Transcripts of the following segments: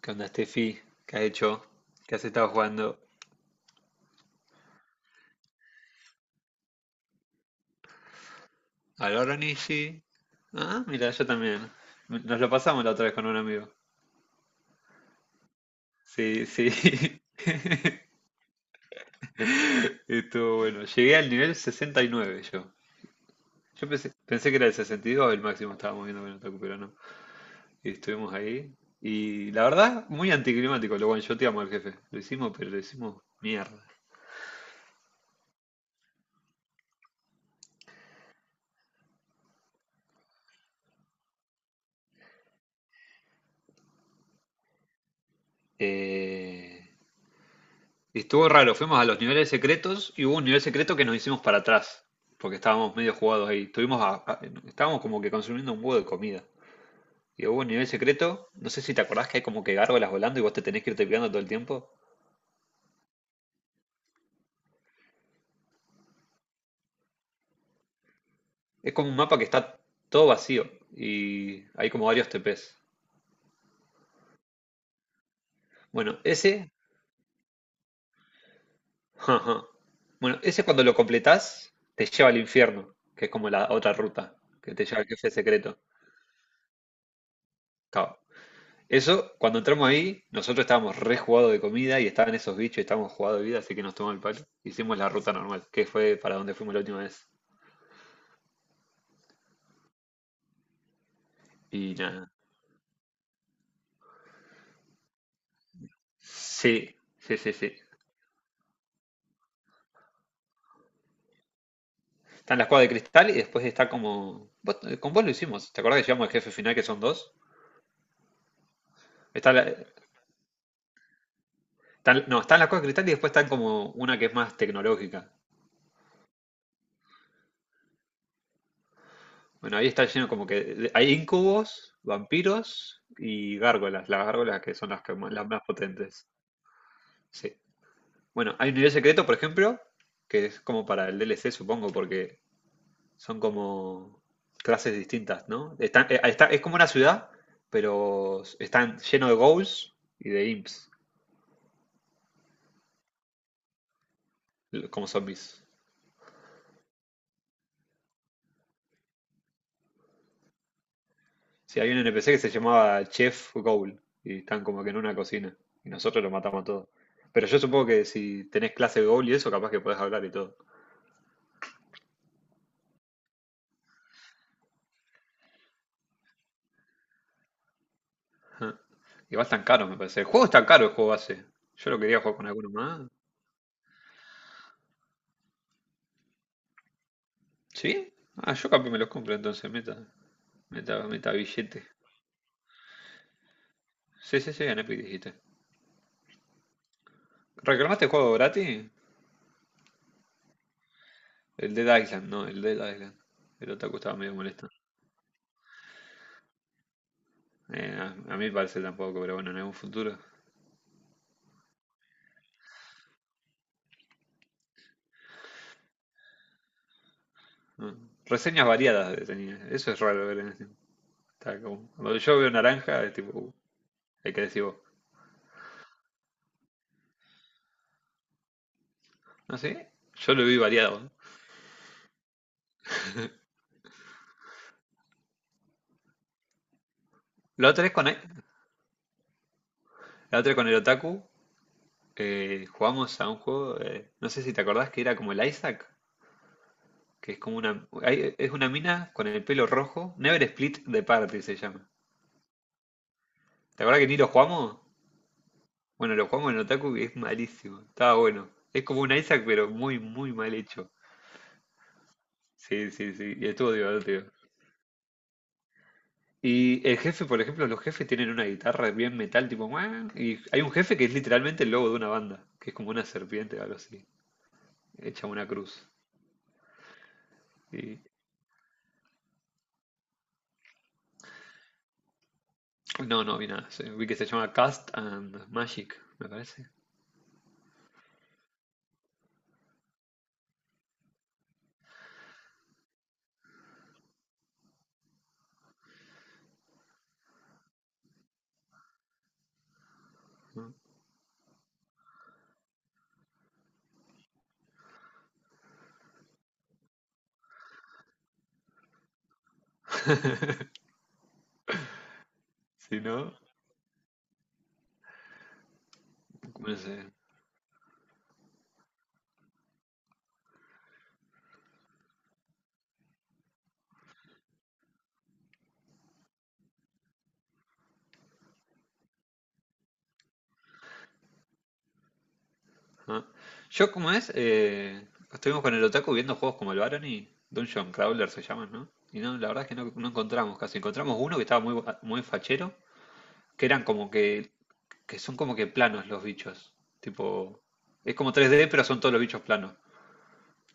¿Qué onda, Steffi? ¿Qué has hecho? ¿Qué has estado jugando? ¿Al Oronishi? Ah, mira, yo también. Nos lo pasamos la otra vez con un amigo. Sí, sí. Estuvo bueno. Llegué al nivel 69 yo. Yo pensé, pensé que era el 62 el máximo, estábamos viendo con el Otaku, pero no. Y estuvimos ahí. Y la verdad, muy anticlimático. Lo one-shoteamos al jefe. Lo hicimos, pero lo hicimos mierda. Eh, Y estuvo raro, fuimos a los niveles secretos y hubo un nivel secreto que nos hicimos para atrás, porque estábamos medio jugados ahí. Estábamos como que consumiendo un huevo de comida. Y hubo un nivel secreto, no sé si te acordás que hay como que gárgolas volando y vos te tenés que irte pegando todo el tiempo. Es como un mapa que está todo vacío y hay como varios TPs. Bueno, ese, ajá. Bueno, ese cuando lo completás te lleva al infierno, que es como la otra ruta que te lleva al jefe secreto. Claro, eso, cuando entramos ahí, nosotros estábamos re jugados de comida y estaban esos bichos y estábamos jugados de vida, así que nos tomó el palo. Hicimos la ruta normal, que fue para donde fuimos la última vez. Y nada. Sí, sí, sí, sí. Está en la cuevas de cristal y después está como, con vos lo hicimos. ¿Te acordás que llevamos al jefe final que son dos? Está la- no, están las cuevas de cristal y después están como una que es más tecnológica. Bueno, ahí está lleno como que, hay incubos, vampiros y gárgolas. Las gárgolas que son las más potentes. Sí. Bueno, hay un nivel secreto, por ejemplo, que es como para el DLC, supongo, porque son como clases distintas, ¿no? Es como una ciudad, pero están lleno de ghouls y de imps, como zombies. Sí, hay un NPC que se llamaba Chef Ghoul y están como que en una cocina y nosotros lo matamos a todos. Pero yo supongo que si tenés clase de Ghoul y eso, capaz que podés hablar y todo. Ajá. Igual tan caro, me parece. El juego es tan caro, el juego base. Yo lo quería jugar con alguno más. ¿Sí? Ah, yo capaz me los compro entonces, meta. Meta, meta billete. Sí, sí, sí, en Epic dijiste. ¿Reclamaste el juego gratis? El Dead Island, no, el Dead Island. El otaku estaba medio molesto. Eh, a, a mí parece tampoco, pero bueno, en algún futuro. ¿No? Reseñas variadas tenía. Eso es raro ver en este. Está como, cuando yo veo naranja, es tipo, hay que decir vos. No sé, yo lo vi variado. ¿No? La otra vez con, e- la otra vez con el otaku, jugamos a un juego, no sé si te acordás que era como el Isaac. Que es como una, es una mina con el pelo rojo. Never Split the Party se llama. ¿Te acuerdas que ni lo jugamos? Bueno, lo jugamos en Otaku y es malísimo. Estaba bueno. Es como un Isaac, pero muy, muy mal hecho. Sí, sí, sí. Y estuvo divertido. Y el jefe, por ejemplo, los jefes tienen una guitarra bien metal, tipo, "Muah". Y hay un jefe que es literalmente el logo de una banda, que es como una serpiente o algo así, hecha una cruz. Y. No, no vi nada. Sí, vi que se llama Cast and Magic, me parece. ¿No? Si no, no sé. Ajá. Yo, como es, estuvimos con el Otaku viendo juegos como el Barony, Dungeon Crawler se llaman, ¿no? Y no, la verdad es que no, no encontramos casi. Encontramos uno que estaba muy fachero, que eran como que, que son como que planos los bichos. Tipo, es como 3D, pero son todos los bichos planos.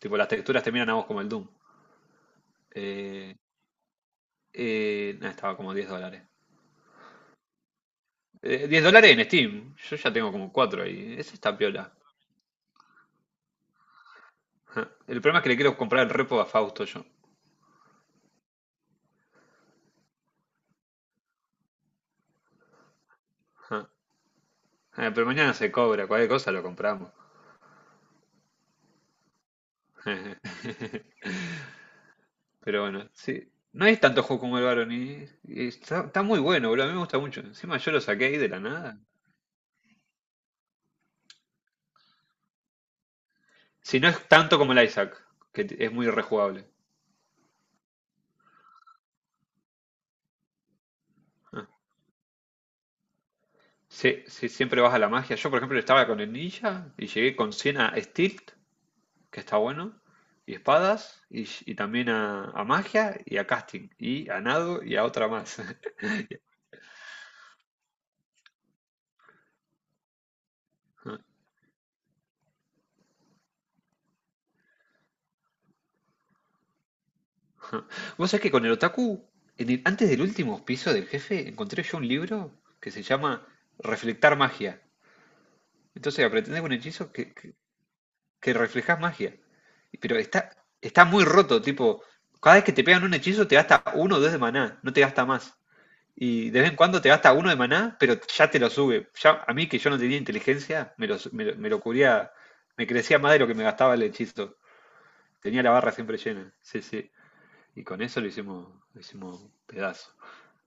Tipo, las texturas te miran a vos como el Doom. Eh, nah, estaba como $10. $10 en Steam. Yo ya tengo como 4 ahí. Ese está piola. Ajá. El problema es que le quiero comprar el repo a Fausto yo. Ajá. Ah, pero mañana se cobra, cualquier cosa lo compramos. Pero bueno, sí. No hay tanto juego como el Baron y, y está muy bueno, boludo. A mí me gusta mucho. Encima yo lo saqué ahí de la nada. Si no es tanto como el Isaac, que es muy rejugable. Ah. Sí, sí, siempre vas a la magia. Yo, por ejemplo, estaba con el ninja y llegué con 100 a Stilt, que está bueno, y espadas, y también a magia, y a casting, y a nado, y a otra más. Ah. Vos sabés que con el otaku, antes del último piso del jefe, encontré yo un libro que se llama Reflectar magia. Entonces aprendés un hechizo que reflejás magia. Pero está muy roto, tipo, cada vez que te pegan un hechizo te gasta uno o dos de maná, no te gasta más. Y de vez en cuando te gasta uno de maná, pero ya te lo sube. Ya, a mí que yo no tenía inteligencia, me lo cubría, me crecía más de lo que me gastaba el hechizo. Tenía la barra siempre llena. Sí, sí. Y con eso lo hicimos pedazo.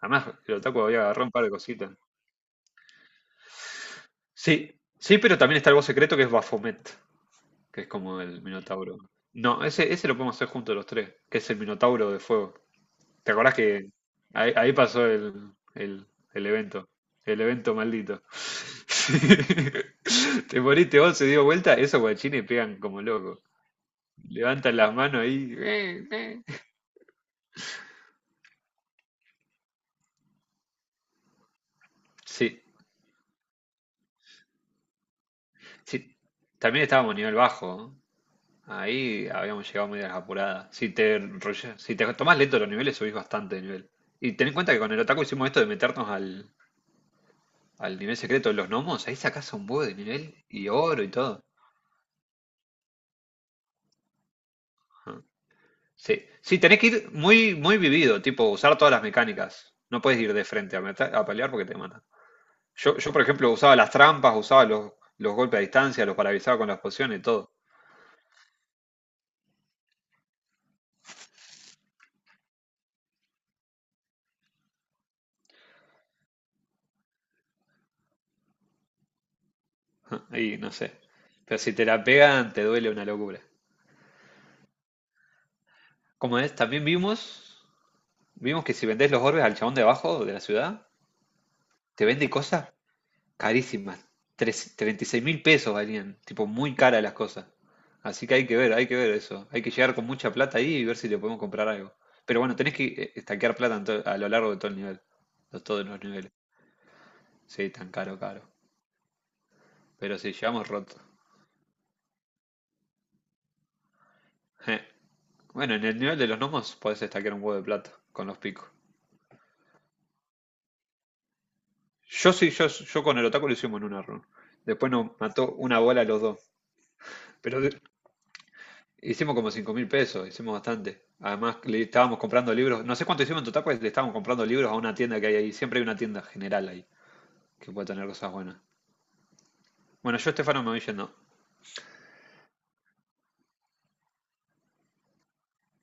Además, el Otaku había agarrado un par de cositas. Sí, sí, pero también está el voz secreto que es Baphomet, que es como el Minotauro. No, ese lo podemos hacer juntos los tres, que es el Minotauro de Fuego. ¿Te acordás que ahí pasó el el evento? El evento maldito. Sí. Te moriste vos, se dio vuelta, esos guachines pegan como locos. Levantan las manos ahí. Sí, sí. También estábamos a nivel bajo, ¿no? Ahí habíamos llegado medio a las apuradas. Si te tomás lento los niveles, subís bastante de nivel. Y ten en cuenta que con el Otaku hicimos esto de meternos al nivel secreto de los gnomos. Ahí sacás un huevo de nivel y oro y todo. Ajá. Sí, sí, tenés que ir muy, muy vivido, tipo usar todas las mecánicas. No puedes ir de frente a pelear porque te matan. Yo, por ejemplo, usaba las trampas, usaba los golpes a distancia, los paralizaba con las pociones y todo. Y no sé. Pero si te la pegan, te duele una locura. Como es, también vimos. Vimos que si vendés los orbes al chabón de abajo de la ciudad, te vende cosas carísimas. 36 mil pesos valían, tipo muy caras las cosas. Así que hay que ver eso. Hay que llegar con mucha plata ahí y ver si le podemos comprar algo. Pero bueno, tenés que estaquear plata a lo largo de todo el nivel. De todos los niveles. Sí, tan caro, caro. Pero si llegamos roto. Je. Bueno, en el nivel de los gnomos podés estaquear un huevo de plata con los picos. Yo sí, yo con el otaku lo hicimos en una run. Después nos mató una bola a los dos. Pero hicimos como 5.000 pesos, hicimos bastante. Además, le estábamos comprando libros. No sé cuánto hicimos en total, pues le estábamos comprando libros a una tienda que hay ahí. Siempre hay una tienda general ahí que puede tener cosas buenas. Bueno, yo, Estefano, me voy yendo.